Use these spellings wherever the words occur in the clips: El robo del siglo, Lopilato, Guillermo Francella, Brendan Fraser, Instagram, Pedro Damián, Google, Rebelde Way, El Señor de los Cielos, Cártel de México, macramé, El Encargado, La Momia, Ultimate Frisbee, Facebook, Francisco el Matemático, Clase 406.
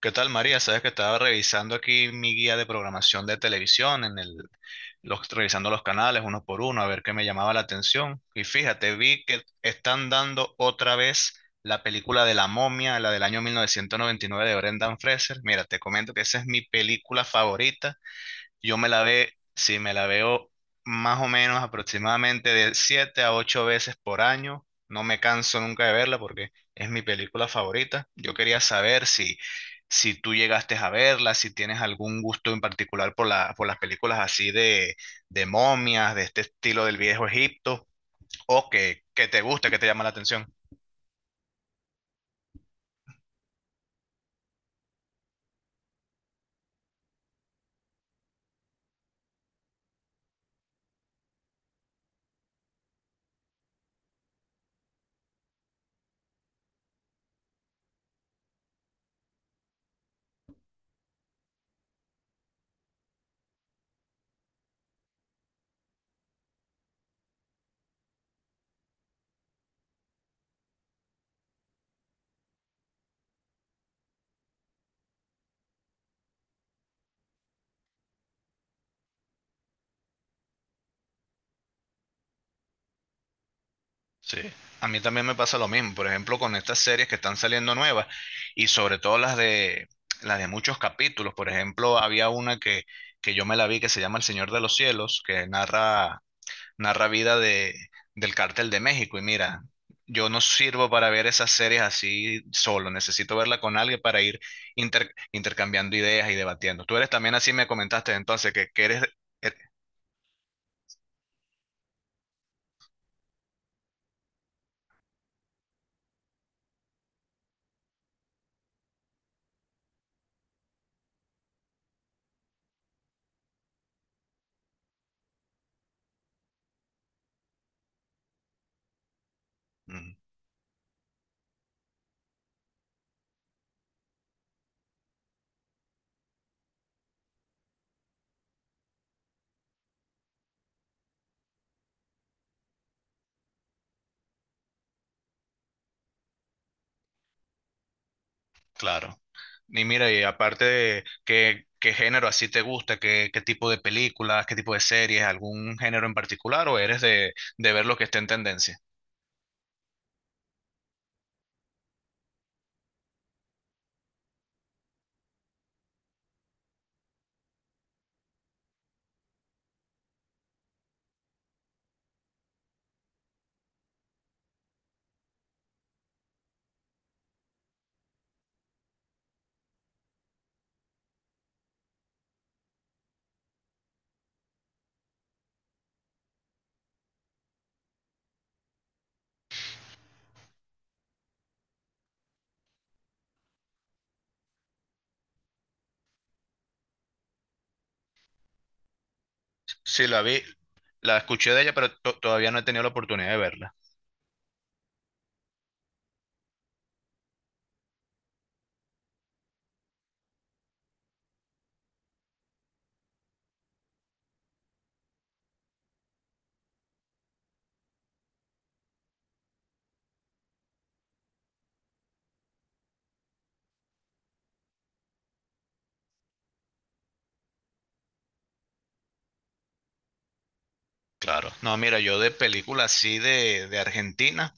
¿Qué tal, María? Sabes que estaba revisando aquí mi guía de programación de televisión, revisando los canales uno por uno, a ver qué me llamaba la atención. Y fíjate, vi que están dando otra vez la película de La Momia, la del año 1999 de Brendan Fraser. Mira, te comento que esa es mi película favorita. Yo me la ve, Sí, me la veo más o menos aproximadamente de siete a ocho veces por año. No me canso nunca de verla porque es mi película favorita. Yo quería saber si tú llegaste a verla, si tienes algún gusto en particular por por las películas así de momias, de este estilo del viejo Egipto, o que te gusta, que te llama la atención. Sí, a mí también me pasa lo mismo, por ejemplo, con estas series que están saliendo nuevas y sobre todo las de muchos capítulos. Por ejemplo, había una que yo me la vi, que se llama El Señor de los Cielos, que narra vida de del Cártel de México. Y mira, yo no sirvo para ver esas series así solo, necesito verla con alguien para ir intercambiando ideas y debatiendo. Tú eres también así, me comentaste entonces que eres, er- mm, claro. Y mira, y aparte de qué, qué género así te gusta, qué, qué tipo de películas, qué tipo de series, algún género en particular, o eres de ver lo que está en tendencia. Sí, la vi, la escuché de ella, pero todavía no he tenido la oportunidad de verla. Claro. No, mira, yo de películas así de Argentina.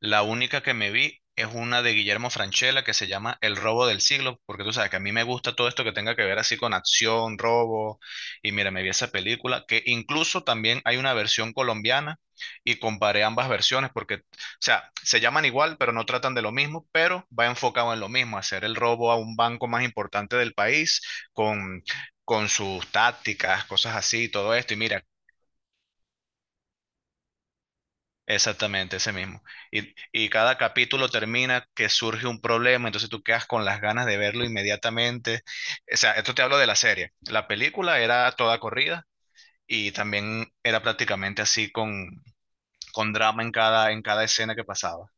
La única que me vi es una de Guillermo Francella, que se llama El robo del siglo, porque tú sabes que a mí me gusta todo esto que tenga que ver así con acción, robo. Y mira, me vi esa película, que incluso también hay una versión colombiana y comparé ambas versiones porque, o sea, se llaman igual, pero no tratan de lo mismo, pero va enfocado en lo mismo: hacer el robo a un banco más importante del país con... con sus tácticas, cosas así, todo esto. Y mira, exactamente, ese mismo. Y cada capítulo termina que surge un problema, entonces tú quedas con las ganas de verlo inmediatamente. O sea, esto te hablo de la serie. La película era toda corrida y también era prácticamente así con drama en cada escena que pasaba.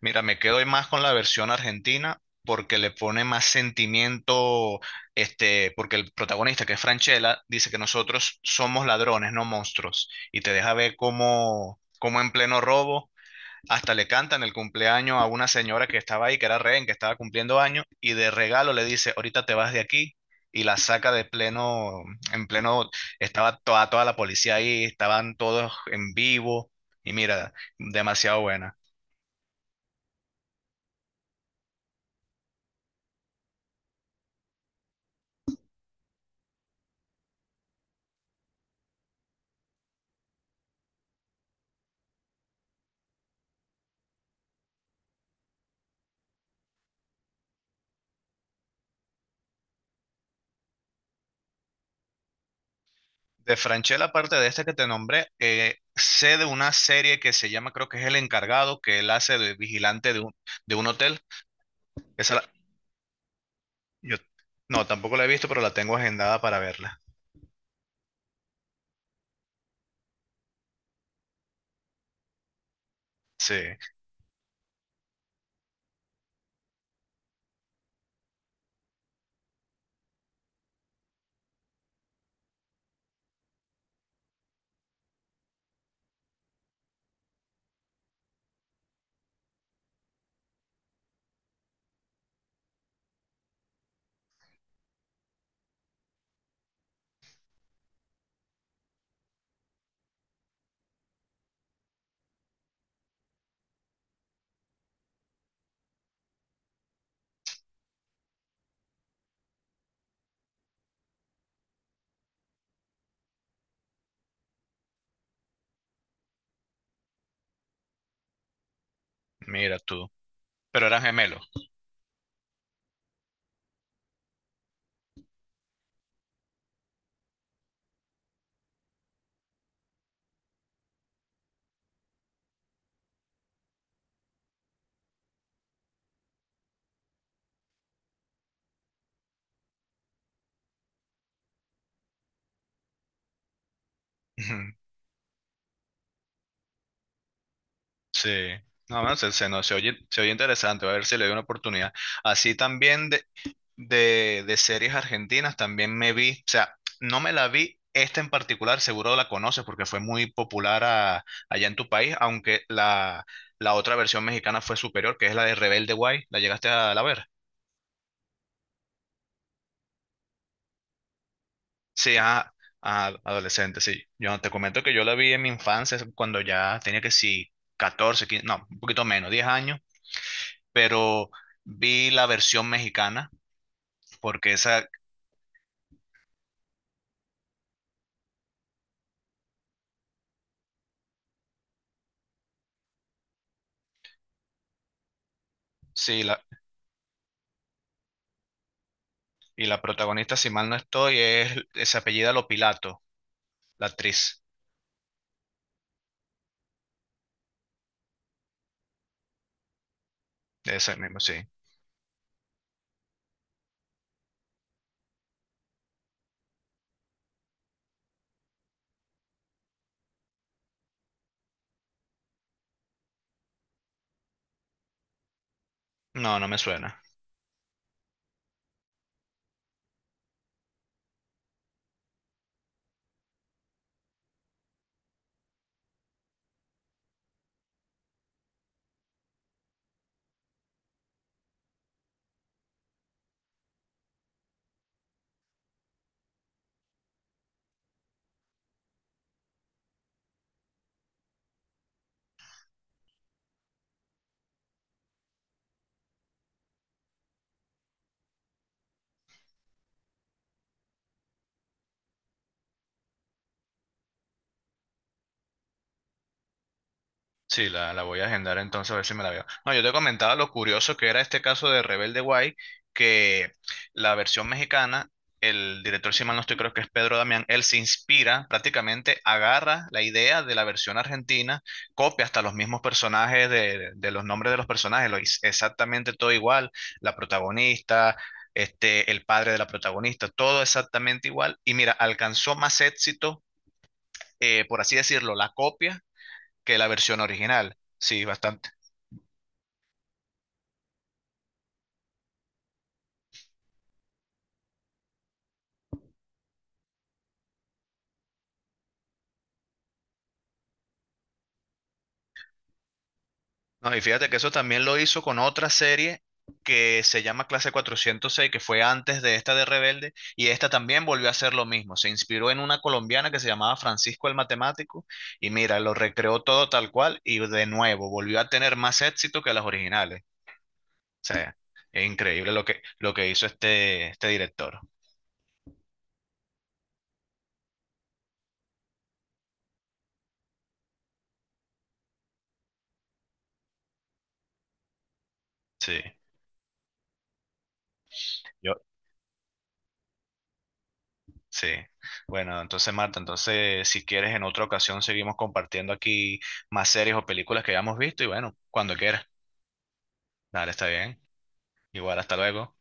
Mira, me quedo más con la versión argentina porque le pone más sentimiento, este, porque el protagonista, que es Franchella, dice que nosotros somos ladrones, no monstruos, y te deja ver cómo en pleno robo hasta le cantan el cumpleaños a una señora que estaba ahí, que era rehén, que estaba cumpliendo años, y de regalo le dice, ahorita te vas de aquí, y la saca de pleno, en pleno, estaba toda, toda la policía ahí, estaban todos en vivo, y mira, demasiado buena. De Franchella, aparte de esta que te nombré, sé de una serie que se llama, creo que es El Encargado, que él hace de vigilante de de un hotel. Esa la- yo, no, tampoco la he visto, pero la tengo agendada para verla. Sí, mira tú. Pero eran gemelos. Ujú. Sí, no, no, no, se oye interesante, voy a ver si le doy una oportunidad. Así también de series argentinas también me vi, o sea, no me la vi esta en particular, seguro la conoces porque fue muy popular allá en tu país, aunque la otra versión mexicana fue superior, que es la de Rebelde Way, ¿la llegaste a la ver? Sí, ah, ah, adolescente, sí. Yo te comento que yo la vi en mi infancia, es cuando ya tenía que sí, 14 15, no, un poquito menos, 10 años, pero vi la versión mexicana, porque esa, sí, la, y la protagonista, si mal no estoy, es, se apellida Lopilato. La actriz de ese mismo, sí. No, no me suena. Sí, la voy a agendar entonces a ver si me la veo. No, yo te comentaba lo curioso que era este caso de Rebelde Way, que la versión mexicana, el director, si mal no estoy, creo que es Pedro Damián, él se inspira, prácticamente agarra la idea de la versión argentina, copia hasta los mismos personajes, de los nombres de los personajes, exactamente todo igual, la protagonista. Este, el padre de la protagonista, todo exactamente igual. Y mira, alcanzó más éxito, por así decirlo, la copia que la versión original. Sí, bastante. No, y fíjate que eso también lo hizo con otra serie que se llama Clase 406, que fue antes de esta de Rebelde, y esta también volvió a hacer lo mismo. Se inspiró en una colombiana que se llamaba Francisco el Matemático, y mira, lo recreó todo tal cual, y de nuevo volvió a tener más éxito que las originales. O sea, es increíble lo que hizo este, este director. Sí. Sí. Bueno, entonces Marta, entonces si quieres en otra ocasión seguimos compartiendo aquí más series o películas que hayamos visto y bueno, cuando quieras. Dale, está bien. Igual, hasta luego.